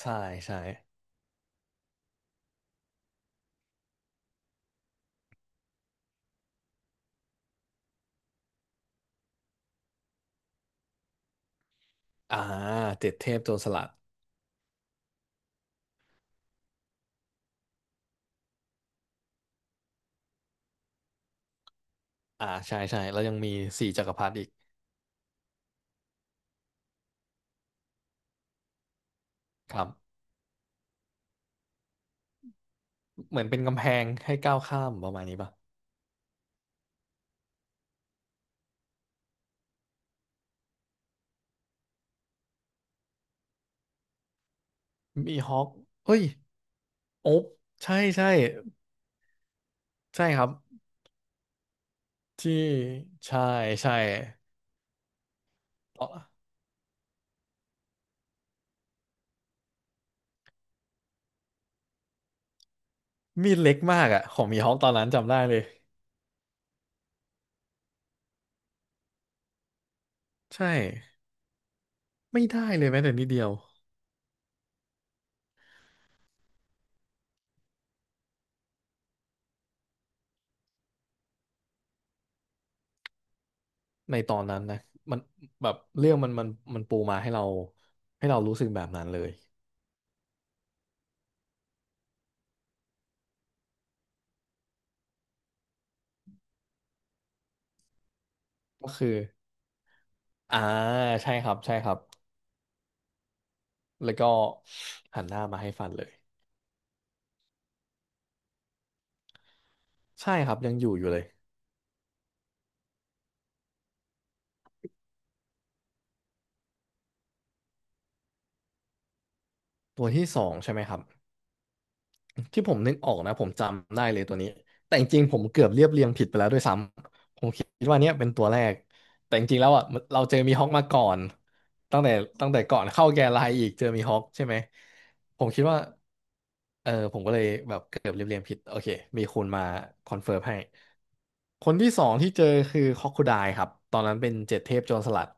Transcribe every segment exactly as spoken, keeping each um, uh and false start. ใช่ใช่ อ่าเจ็ดเทพโจรสลัดอ่า ใช่ใช่ แล้วยังมีสี่จักรพรรดิอีกครับ เหมือนเป็นกำแพงให้ก้าวข้ามประมาณนี้ป่ะมีฮอกเฮ้ย โอ๊บใช่ใช่ใช่ครับที่ใช่ใช่ตอนมีดเล็กมากอะ ของมีฮอกตอนนั้นจำได้เลย ใช่ ไม่ได้เลยแม้แต่นิดเดียว ในตอนนั้นนะ มันแบบเรื่องมันมันมันปูมาให้เราให้เรารู้สึกแบบนั้นเลยก็คืออ่าใช่ครับใช่ครับ แล้วก็หันหน้ามาให้ฟันเลยใช่ครับยังอยู่อยู่เลยตัวที่สองใช่ไหมครับ ที่ผมนึกออกนะผมจำได้เลยตัวนี้แต่จริงๆผมเกือบเรียบเรียงผิดไปแล้วด้วยซ้ำผมคิดว่าเนี้ยเป็นตัวแรกแต่จริงๆแล้วอ่ะมันเราเจอมีฮอคมาก่อนตั้งแต่ตั้งแต่ก่อนเข้าแกนไลน์อีกเจอมีฮอคใช่ไหมผมคิดว่าเออผมก็เลยแบบเกือบเรียบเรียงผิดโอเคมีคุณมาคอนเฟิร์มให้คนที่สองที่เจอคือคอคคูไดครับตอนนั้นเป็นเจ็ดเทพโจรสลัด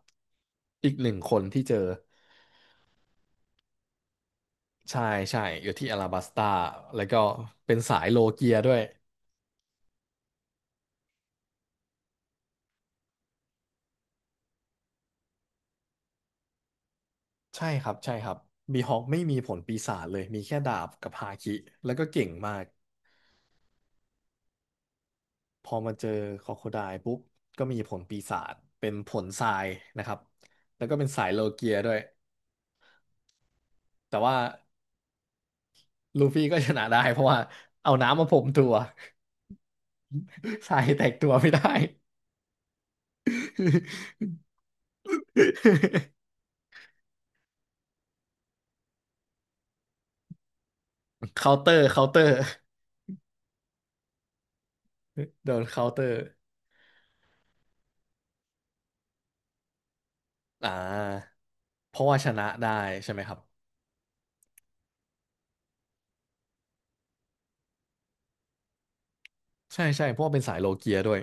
อีกหนึ่งคนที่เจอใช่ใช่อยู่ที่อลาบัสตาแล้วก็เป็นสายโลเกียด้วย ใช่ครับใช่ครับบีฮอกไม่มีผลปีศาจเลยมีแค่ดาบกับฮาคิแล้วก็เก่งมากพอมาเจอคอโคไดปุ๊บก็มีผลปีศาจเป็นผลทรายนะครับแล้วก็เป็นสายโลเกียด้วยแต่ว่าลูฟี่ก็ชนะได้เพราะว่าเอาน้ำมาพรมตัว ทรายแตกตัวไม่ได้ เคาน์เตอร์เคาน์เตอร์โดนเคาน์เตอร์อ่าเพราะว่าชนะได้ใช่ไหมครับใช่ใช่เพราะว่าเป็นสายโลเกียด้วย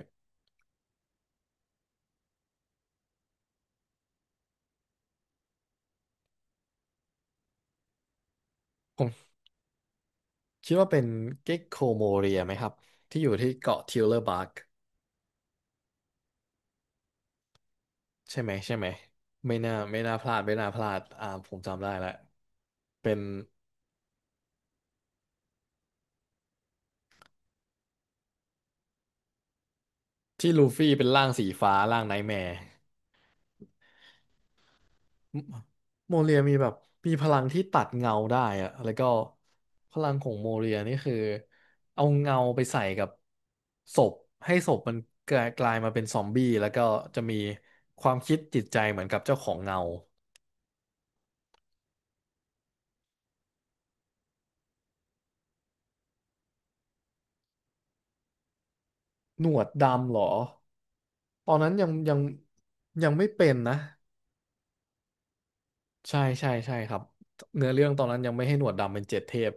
ผม คิดว่าเป็นเก็กโคโมเรียไหมครับที่อยู่ที่เกาะทิวเลอร์บาร์กใช่ไหมใช่ไหมไม่น่าไม่น่าพลาดไม่น่าพลาดอ่าผมจำได้แล้วเป็นที่ลูฟี่เป็นร่างสีฟ้าร่างไนท์แมร์โมเรียมีแบบมีพลังที่ตัดเงาได้อะแล้วก็พลังของโมเรียนี่คือเอาเงาไปใส่กับศพให้ศพมันกลายกลายมาเป็นซอมบี้แล้วก็จะมีความคิดจิตใจเหมือนกับเจ้าของเงา หนวดดำเหรอ ตอนนั้นยังยังยังไม่เป็นนะ ใช่ใช่ใช่ครับเนื้อเรื่องตอนนั้นยังไม่ให้หนวดดำเป็นเจ็ดเทพ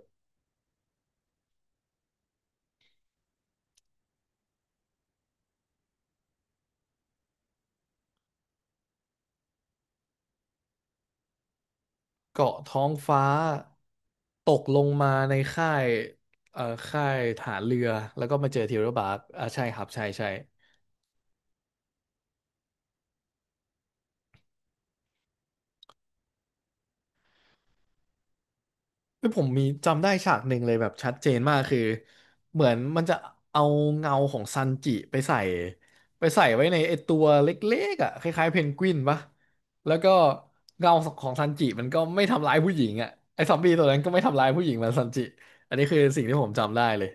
เกาะท้องฟ้าตกลงมาในค่ายเอ่อค่ายฐานเรือ แล้วก็มาเจอเทวดาบาร์กอ่าใช่ครับใช่ใช่ คือผมมีจำได้ฉากหนึ่งเลยแบบชัดเจนมากคือเหมือนมันจะเอาเงาของซันจิไปใส่ไปใส่ไว้ในไอตัวเล็กๆอ่ะคล้ายๆเพนกวินปะแล้วก็เงาของซันจิมันก็ไม่ทำร้ายผู้หญิงอ่ะไอซอมบี้ตัวนั้นก็ไม่ทำร้ายผู้หญิงเหมันซันจิอันนี้คือสิ่งที่ผมจำได้เลย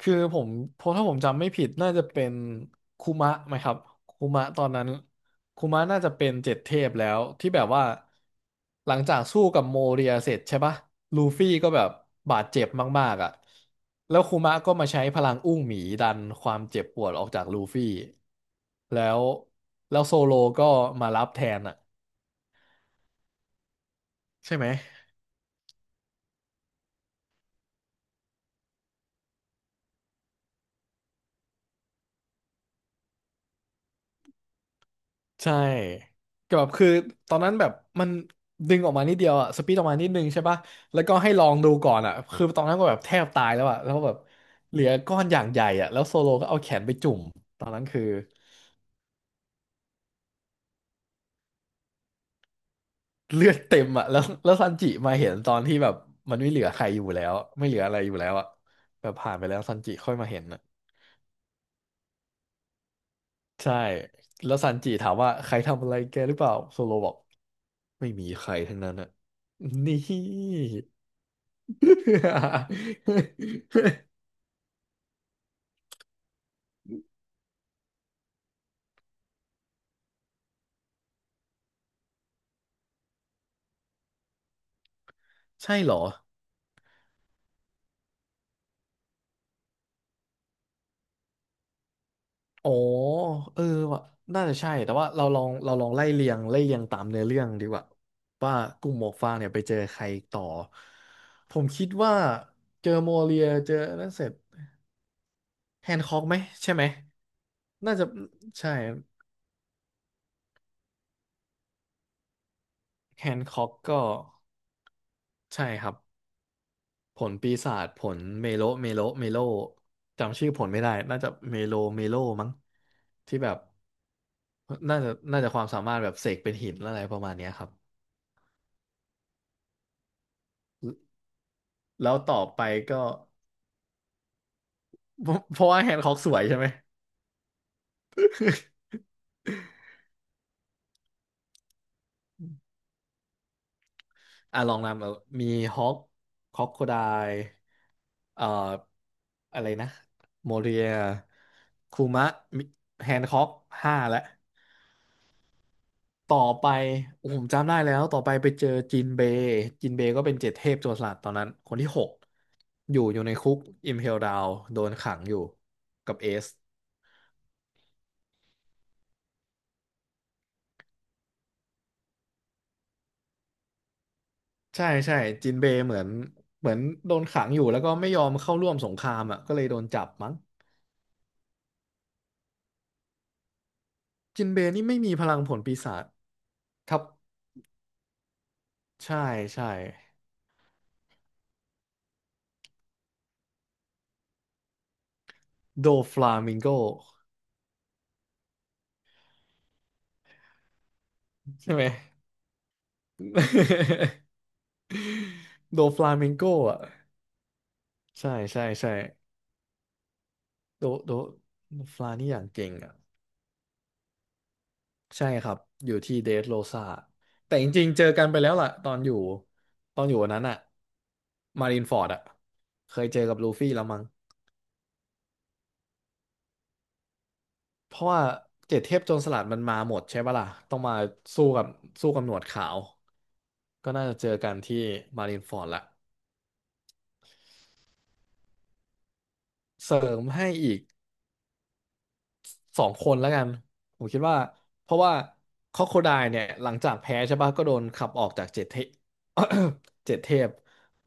คือผมเพราะถ้าผมจำไม่ผิดน่าจะเป็นคุมะไหมครับคุมะตอนนั้นคุมะน่าจะเป็นเจ็ดเทพแล้วที่แบบว่าหลังจากสู้กับโมเรียเสร็จใช่ปะลูฟี่ก็แบบบาดเจ็บมากๆอ่ะแล้วคุมะก็มาใช้พลังอุ้งหมีดันความเจ็บปวดออกจากลูฟี่แล้วแล้วโซโลก็มารับแทนอ่ะใช่ไหม ใช่ก็แบบคือตอนนั้นแบบมันดึงออกมานิดเดียวอะสปีดออกมานิดนึงใช่ปะแล้วก็ให้ลองดูก่อนอะคือตอนนั้นก็แบบแทบตายแล้วอะแล้วแบบเหลือก้อนอย่างใหญ่อะแล้วโซโลก็เอาแขนไปจุ่มตอนนั้นคือเลือดเต็มอะ แล้วแล้วซันจิมาเห็นตอนที่แบบมันไม่เหลือใครอยู่แล้วไม่เหลืออะไรอยู่แล้วอะแบบผ่านไปแล้วซันจิค่อยมาเห็นอะใช่แล้วซันจิถามว่าใครทำอะไรแกหรือเปล่าโซโลบอกไม่มีใครทั้งนั้นอะนี่ ใช่เหรอ อ๋อเออว่ะน่าจะใช่ แต่ว่าเราลองเราลองไล่เรียงไล่เรียงตามเนื้อเรื่องดีกว่าว่ากลุ่มหมวกฟางเนี่ยไปเจอใครต่อ ผมคิดว่าเจอโมเรียเจอนั่นเสร็จแฮนค็อกไหมใช่ไหมน่าจะใช่แฮนค็อกก็ใช่ครับผลปีศาจผลเมโลเมโลเมโลจำชื่อผลไม่ได้ น่าจะเมโลเมโลมั้งที่แบบ น่าจะน่าจะความสามารถแบบเสกเป็นหินอะไรประมาณเนี้ยครับแล้วต่อไปก็ เพราะว่าแฮนด์ค็อกสวยใช่ไหมอ่ะลองนำเอามีฮอกคอกโคไดเอ่ออะไรนะโมเรียคูมะแฮนด์ค็อกห้าแล้วต่อไปผมจำได้แล้วต่อไปไปเจอจินเบย์จินเบย์ก็เป็นเจ็ดเทพโจรสลัดตอนนั้นคนที่หกอยู่อยู่ในคุกอิมเพลดาวโดนขังอยู่กับเอส ใช่ใช่จินเบย์เหมือนเหมือนโดนขังอยู่แล้วก็ไม่ยอมเข้าร่วมสงครามอ่ะก็เลยโดนจับมั้งจินเบย์นี่ไม่มีพลังผลปีศาจทับใช่ใช่โดฟลามิงโกใช่ไหม โดฟลามิงโก อ่ะใช่ใช่ใช่โดโดโดฟลานี่อย่างเก่งอ่ะใช่ครับอยู่ที่เดสโรซาแต่จริงๆเจอกันไปแล้วล่ะตอนอยู่ตอนอยู่วันนั้นอ่ะมารินฟอร์ดอ่ะเคยเจอกับลูฟี่แล้วมั้ง เพราะว่าเจ็ดเทพโจรสลัดมันมาหมดใช่ปะล่ะต้องมาสู้กับสู้กับหนวดขาวก็น่าจะเจอกันที่มารินฟอร์ดละเสริมให้อีกสองคนแล้วกันผมคิดว่าเพราะว่าคอ o โคไดเนี่ยหลังจากแพ้ใช่ปะก็โดนขับออกจากเจ็ดเทพ เจ็ดเทพ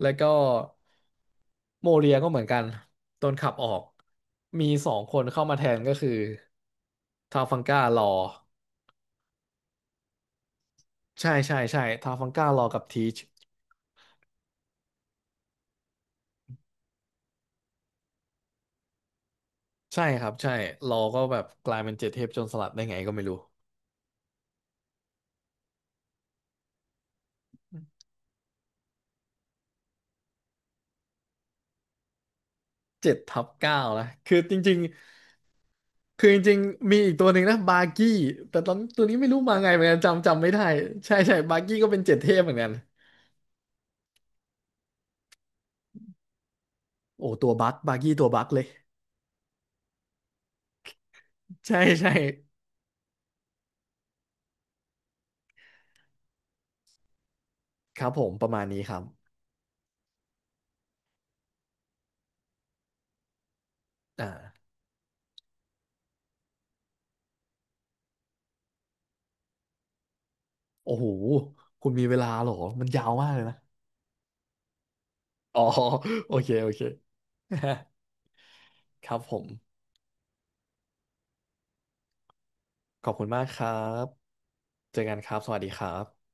แล้วก็โมเรียก็เหมือนกันโดนขับออกมีสองคนเข้ามาแทนก็คือทาฟังก้ารอใช่ใช่ใช่ทาฟังก้ารอกับทีช ใช่ครับใช่เราก็แบบกลายเป็นเจ็ดเทพโจรสลัดได้ไงก็ไม่รู้เจ็ดทับเก้านะคือจริงๆคือจริงๆมีอีกตัวหนึ่งนะบาร์กี้แต่ตอนตัวนี้ไม่รู้มาไงเหมือนกันจำจำไม่ได้ใช่ใช่บาร์กี้ก็เป็นเจ็ดเทพเหมือนกันโอ้ตัวบั๊กบาร์กี้ตัวบั๊กเลยใช่ใช่ครับผมประมาณนี้ครับอ่าโอ้โหคุณมีเวลาเหรอมันยาวมากเลยนะอ๋อ โอเคโอเค ครับผมขอบคุณมากครับเจอกันครับสวัสดีครับ